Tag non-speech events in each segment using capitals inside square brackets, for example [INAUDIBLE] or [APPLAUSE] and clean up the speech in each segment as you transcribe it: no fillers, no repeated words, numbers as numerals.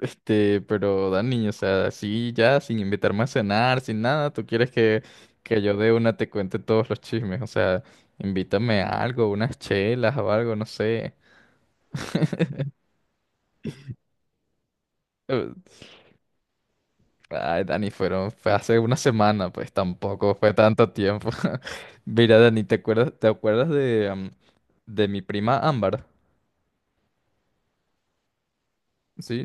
Pero Dani, o sea, así ya, sin invitarme a cenar, sin nada, tú quieres que yo de una te cuente todos los chismes, o sea, invítame a algo, unas chelas o algo, no sé. Eh, Ay, Dani, fue hace una semana, pues tampoco fue tanto tiempo. [LAUGHS] Mira, Dani, ¿te acuerdas de mi prima Ámbar? Sí.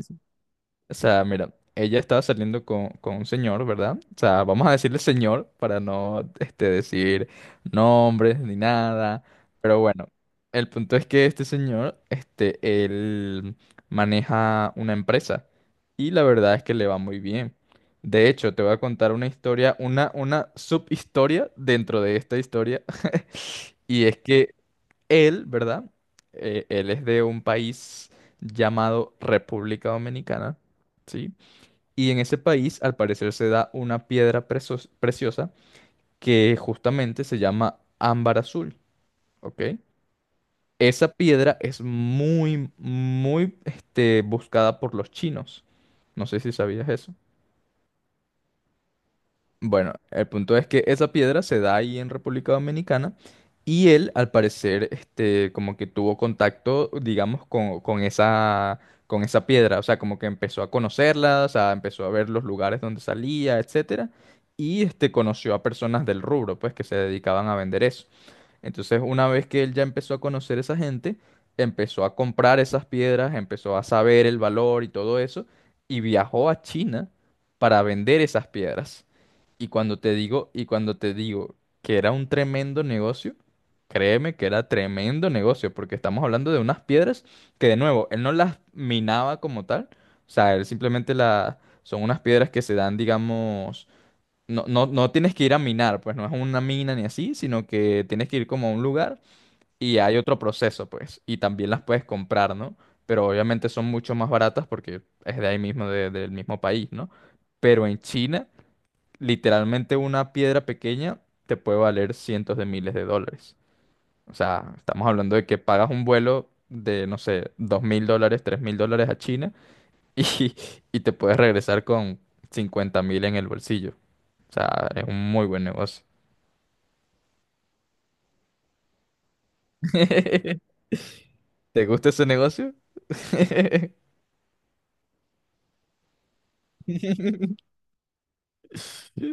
O sea, mira, ella estaba saliendo con un señor, ¿verdad? O sea, vamos a decirle señor para no, decir nombres ni nada. Pero bueno, el punto es que este señor, él maneja una empresa y la verdad es que le va muy bien. De hecho, te voy a contar una historia, una subhistoria dentro de esta historia. [LAUGHS] Y es que él, ¿verdad? Él es de un país llamado República Dominicana. ¿Sí? Y en ese país, al parecer, se da una piedra preciosa que justamente se llama ámbar azul, ¿ok? Esa piedra es muy, muy, buscada por los chinos. No sé si sabías eso. Bueno, el punto es que esa piedra se da ahí en República Dominicana y él, al parecer, como que tuvo contacto, digamos, con esa piedra, o sea, como que empezó a conocerla, o sea, empezó a ver los lugares donde salía, etcétera, y conoció a personas del rubro, pues, que se dedicaban a vender eso. Entonces, una vez que él ya empezó a conocer esa gente, empezó a comprar esas piedras, empezó a saber el valor y todo eso, y viajó a China para vender esas piedras. Y cuando te digo, y cuando te digo que era un tremendo negocio, créeme que era tremendo negocio, porque estamos hablando de unas piedras que, de nuevo, él no las minaba como tal, o sea, él simplemente son unas piedras que se dan, digamos, no tienes que ir a minar, pues no es una mina ni así, sino que tienes que ir como a un lugar y hay otro proceso, pues, y también las puedes comprar, ¿no? Pero obviamente son mucho más baratas porque es de ahí mismo, del mismo país, ¿no? Pero en China, literalmente una piedra pequeña te puede valer cientos de miles de dólares. O sea, estamos hablando de que pagas un vuelo de, no sé, $2,000, $3,000 a China [LAUGHS] y, y te puedes regresar con 50,000 en el bolsillo. O sea, es un muy buen negocio. [LAUGHS] ¿Te gusta ese negocio? [LAUGHS]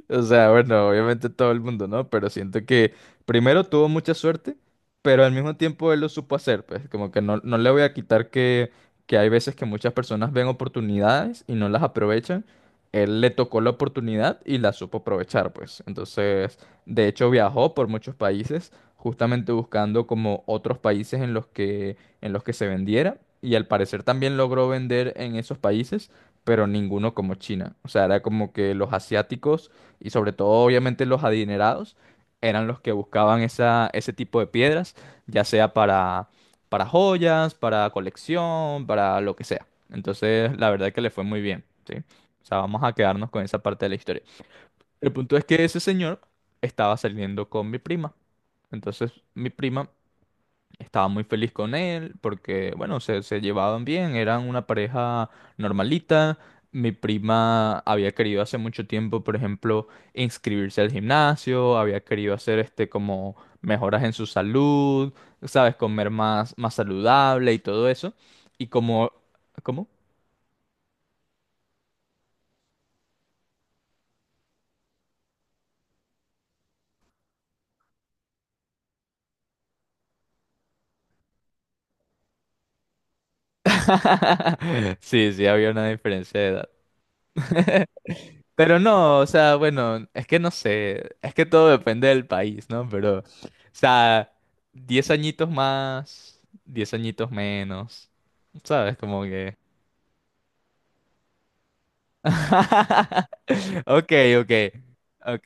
O sea, bueno, obviamente todo el mundo, ¿no? Pero siento que primero tuvo mucha suerte, pero al mismo tiempo él lo supo hacer, pues como que no le voy a quitar que hay veces que muchas personas ven oportunidades y no las aprovechan. Él le tocó la oportunidad y la supo aprovechar, pues. Entonces, de hecho, viajó por muchos países, justamente buscando como otros países en los que se vendiera. Y al parecer también logró vender en esos países, pero ninguno como China. O sea, era como que los asiáticos y sobre todo obviamente los adinerados eran los que buscaban ese tipo de piedras, ya sea para joyas, para colección, para lo que sea. Entonces, la verdad que le fue muy bien, ¿sí? O sea, vamos a quedarnos con esa parte de la historia. El punto es que ese señor estaba saliendo con mi prima. Entonces, mi prima estaba muy feliz con él porque, bueno, se llevaban bien, eran una pareja normalita. Mi prima había querido hace mucho tiempo, por ejemplo, inscribirse al gimnasio, había querido hacer como mejoras en su salud, sabes, comer más saludable y todo eso. Y como, ¿cómo? [LAUGHS] Sí, sí, había una diferencia de edad. Pero no, o sea, bueno, es que no sé, es que todo depende del país, ¿no? Pero, o sea, 10 añitos más, 10 añitos menos, ¿sabes? Como que... [LAUGHS] Ok, ok, ok.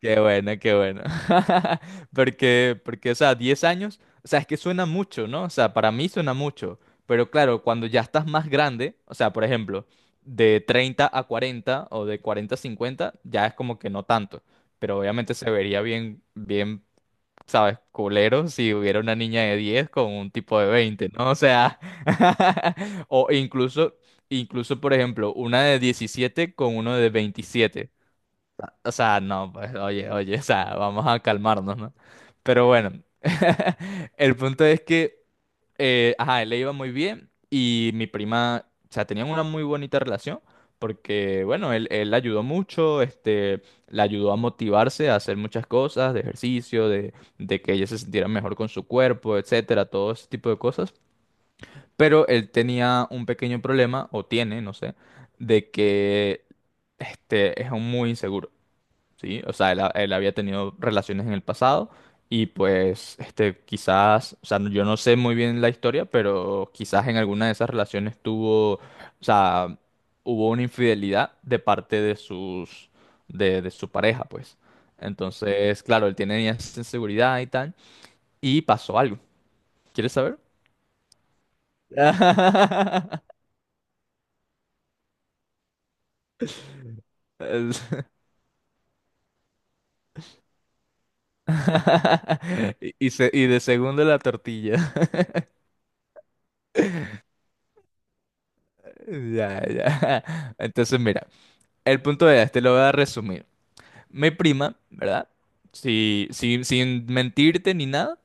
Qué bueno, qué bueno. [LAUGHS] Porque, o sea, 10 años, o sea, es que suena mucho, ¿no? O sea, para mí suena mucho, pero claro, cuando ya estás más grande, o sea, por ejemplo, de 30 a 40 o de 40 a 50, ya es como que no tanto, pero obviamente se vería bien, bien, ¿sabes? Culero si hubiera una niña de 10 con un tipo de 20, ¿no? O sea, [LAUGHS] o incluso, incluso, por ejemplo, una de 17 con uno de 27. O sea, no, pues, oye, oye, o sea, vamos a calmarnos, ¿no? Pero bueno, [LAUGHS] el punto es que, ajá, él le iba muy bien y mi prima, o sea, tenían una muy bonita relación porque, bueno, él la ayudó mucho, la ayudó a motivarse a hacer muchas cosas, de ejercicio, de que ella se sintiera mejor con su cuerpo, etcétera, todo ese tipo de cosas. Pero él tenía un pequeño problema, o tiene, no sé, de que, es un muy inseguro. ¿Sí? O sea, él había tenido relaciones en el pasado y pues quizás, o sea, yo no sé muy bien la historia, pero quizás en alguna de esas relaciones tuvo, o sea, hubo una infidelidad de parte de su pareja, pues. Entonces, claro, él tenía esa inseguridad y tal, y pasó algo. ¿Quieres saber? [LAUGHS] Es- [LAUGHS] y de segundo la tortilla. [LAUGHS] Ya, ya. Entonces, mira. El punto es, te lo voy a resumir. Mi prima, ¿verdad? Sin mentirte ni nada,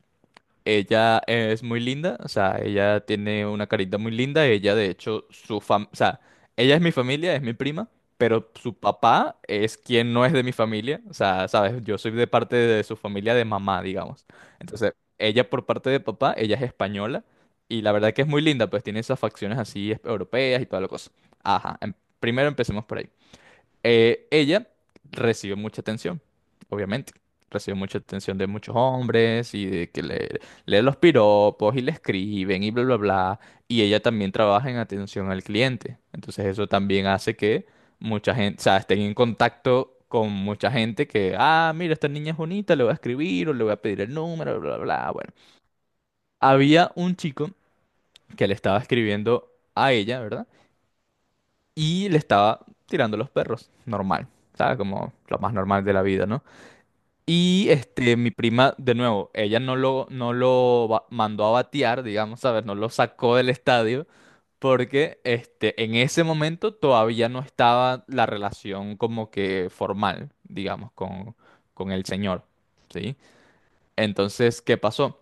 ella es muy linda, o sea, ella tiene una carita muy linda, ella de hecho, o sea, ella es mi familia, es mi prima, pero su papá es quien no es de mi familia, o sea, sabes, yo soy de parte de su familia de mamá, digamos. Entonces, ella por parte de papá, ella es española, y la verdad que es muy linda, pues tiene esas facciones así europeas y toda la cosa. Ajá, primero empecemos por ahí. Ella recibió mucha atención, obviamente. Recibió mucha atención de muchos hombres y de que le leen los piropos y le escriben y bla, bla, bla. Y ella también trabaja en atención al cliente. Entonces eso también hace que mucha gente, o sea, estén en contacto con mucha gente que, ah, mira, esta niña es bonita, le voy a escribir o le voy a pedir el número, bla, bla, bla. Bueno, había un chico que le estaba escribiendo a ella, ¿verdad? Y le estaba tirando los perros, normal, ¿sabes? Como lo más normal de la vida, ¿no? Y mi prima, de nuevo, ella no lo mandó a batear, digamos, ¿sabes? No lo sacó del estadio, porque en ese momento todavía no estaba la relación como que formal, digamos, con el señor, ¿sí? Entonces, ¿qué pasó?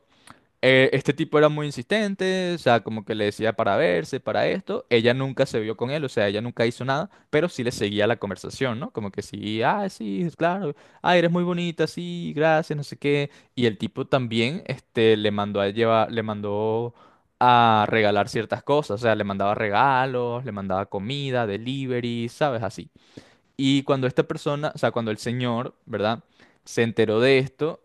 Este tipo era muy insistente, o sea, como que le decía para verse, para esto. Ella nunca se vio con él, o sea, ella nunca hizo nada, pero sí le seguía la conversación, ¿no? Como que sí, ah, sí, claro, ah, eres muy bonita, sí, gracias, no sé qué. Y el tipo también, le mandó a llevar, le mandó a regalar ciertas cosas, o sea, le mandaba regalos, le mandaba comida, delivery, ¿sabes? Así. Y cuando esta persona, o sea, cuando el señor, ¿verdad? Se enteró de esto,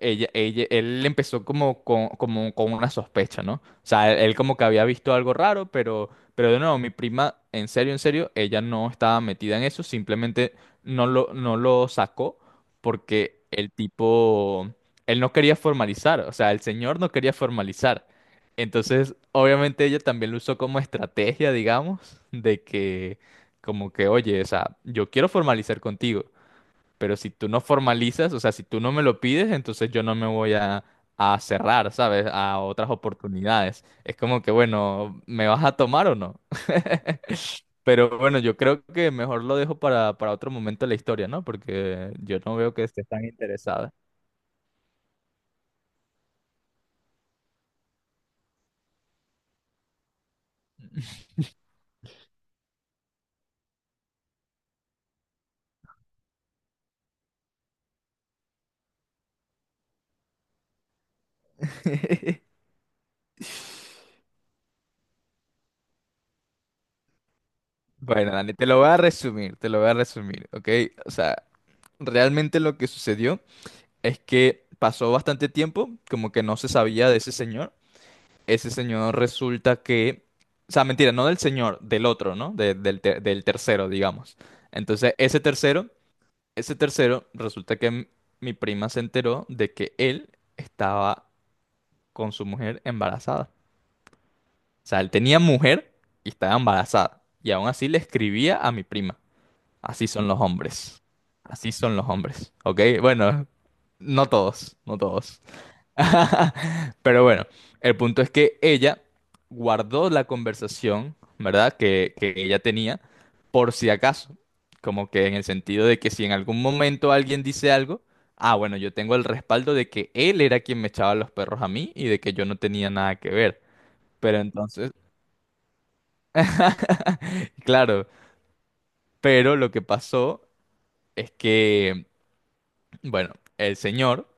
él empezó como con una sospecha, ¿no? O sea, él como que había visto algo raro, pero de nuevo, mi prima, en serio, ella no estaba metida en eso, simplemente no lo sacó porque el tipo, él no quería formalizar, o sea, el señor no quería formalizar. Entonces, obviamente ella también lo usó como estrategia, digamos, de que como que, oye, o sea, yo quiero formalizar contigo, pero si tú no formalizas, o sea, si tú no me lo pides, entonces yo no me voy a cerrar, ¿sabes? A otras oportunidades. Es como que, bueno, ¿me vas a tomar o no? [LAUGHS] Pero bueno, yo creo que mejor lo dejo para otro momento de la historia, ¿no? Porque yo no veo que estés tan interesada. [LAUGHS] Bueno, Dani, te lo voy a resumir, te lo voy a resumir, ¿ok? O sea, realmente lo que sucedió es que pasó bastante tiempo, como que no se sabía de ese señor. Ese señor resulta que... O sea, mentira, no del señor, del otro, ¿no? Del tercero, digamos. Entonces, ese tercero, resulta que mi prima se enteró de que él estaba con su mujer embarazada. O sea, él tenía mujer y estaba embarazada. Y aún así le escribía a mi prima. Así son los hombres. Así son los hombres, ¿ok? Bueno, no todos, no todos. [LAUGHS] Pero bueno, el punto es que ella guardó la conversación, ¿verdad? Que ella tenía, por si acaso. Como que en el sentido de que si en algún momento alguien dice algo, ah, bueno, yo tengo el respaldo de que él era quien me echaba los perros a mí y de que yo no tenía nada que ver. Pero entonces, [LAUGHS] claro, pero lo que pasó es que, bueno, el señor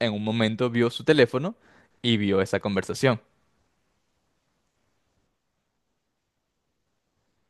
en un momento vio su teléfono y vio esa conversación.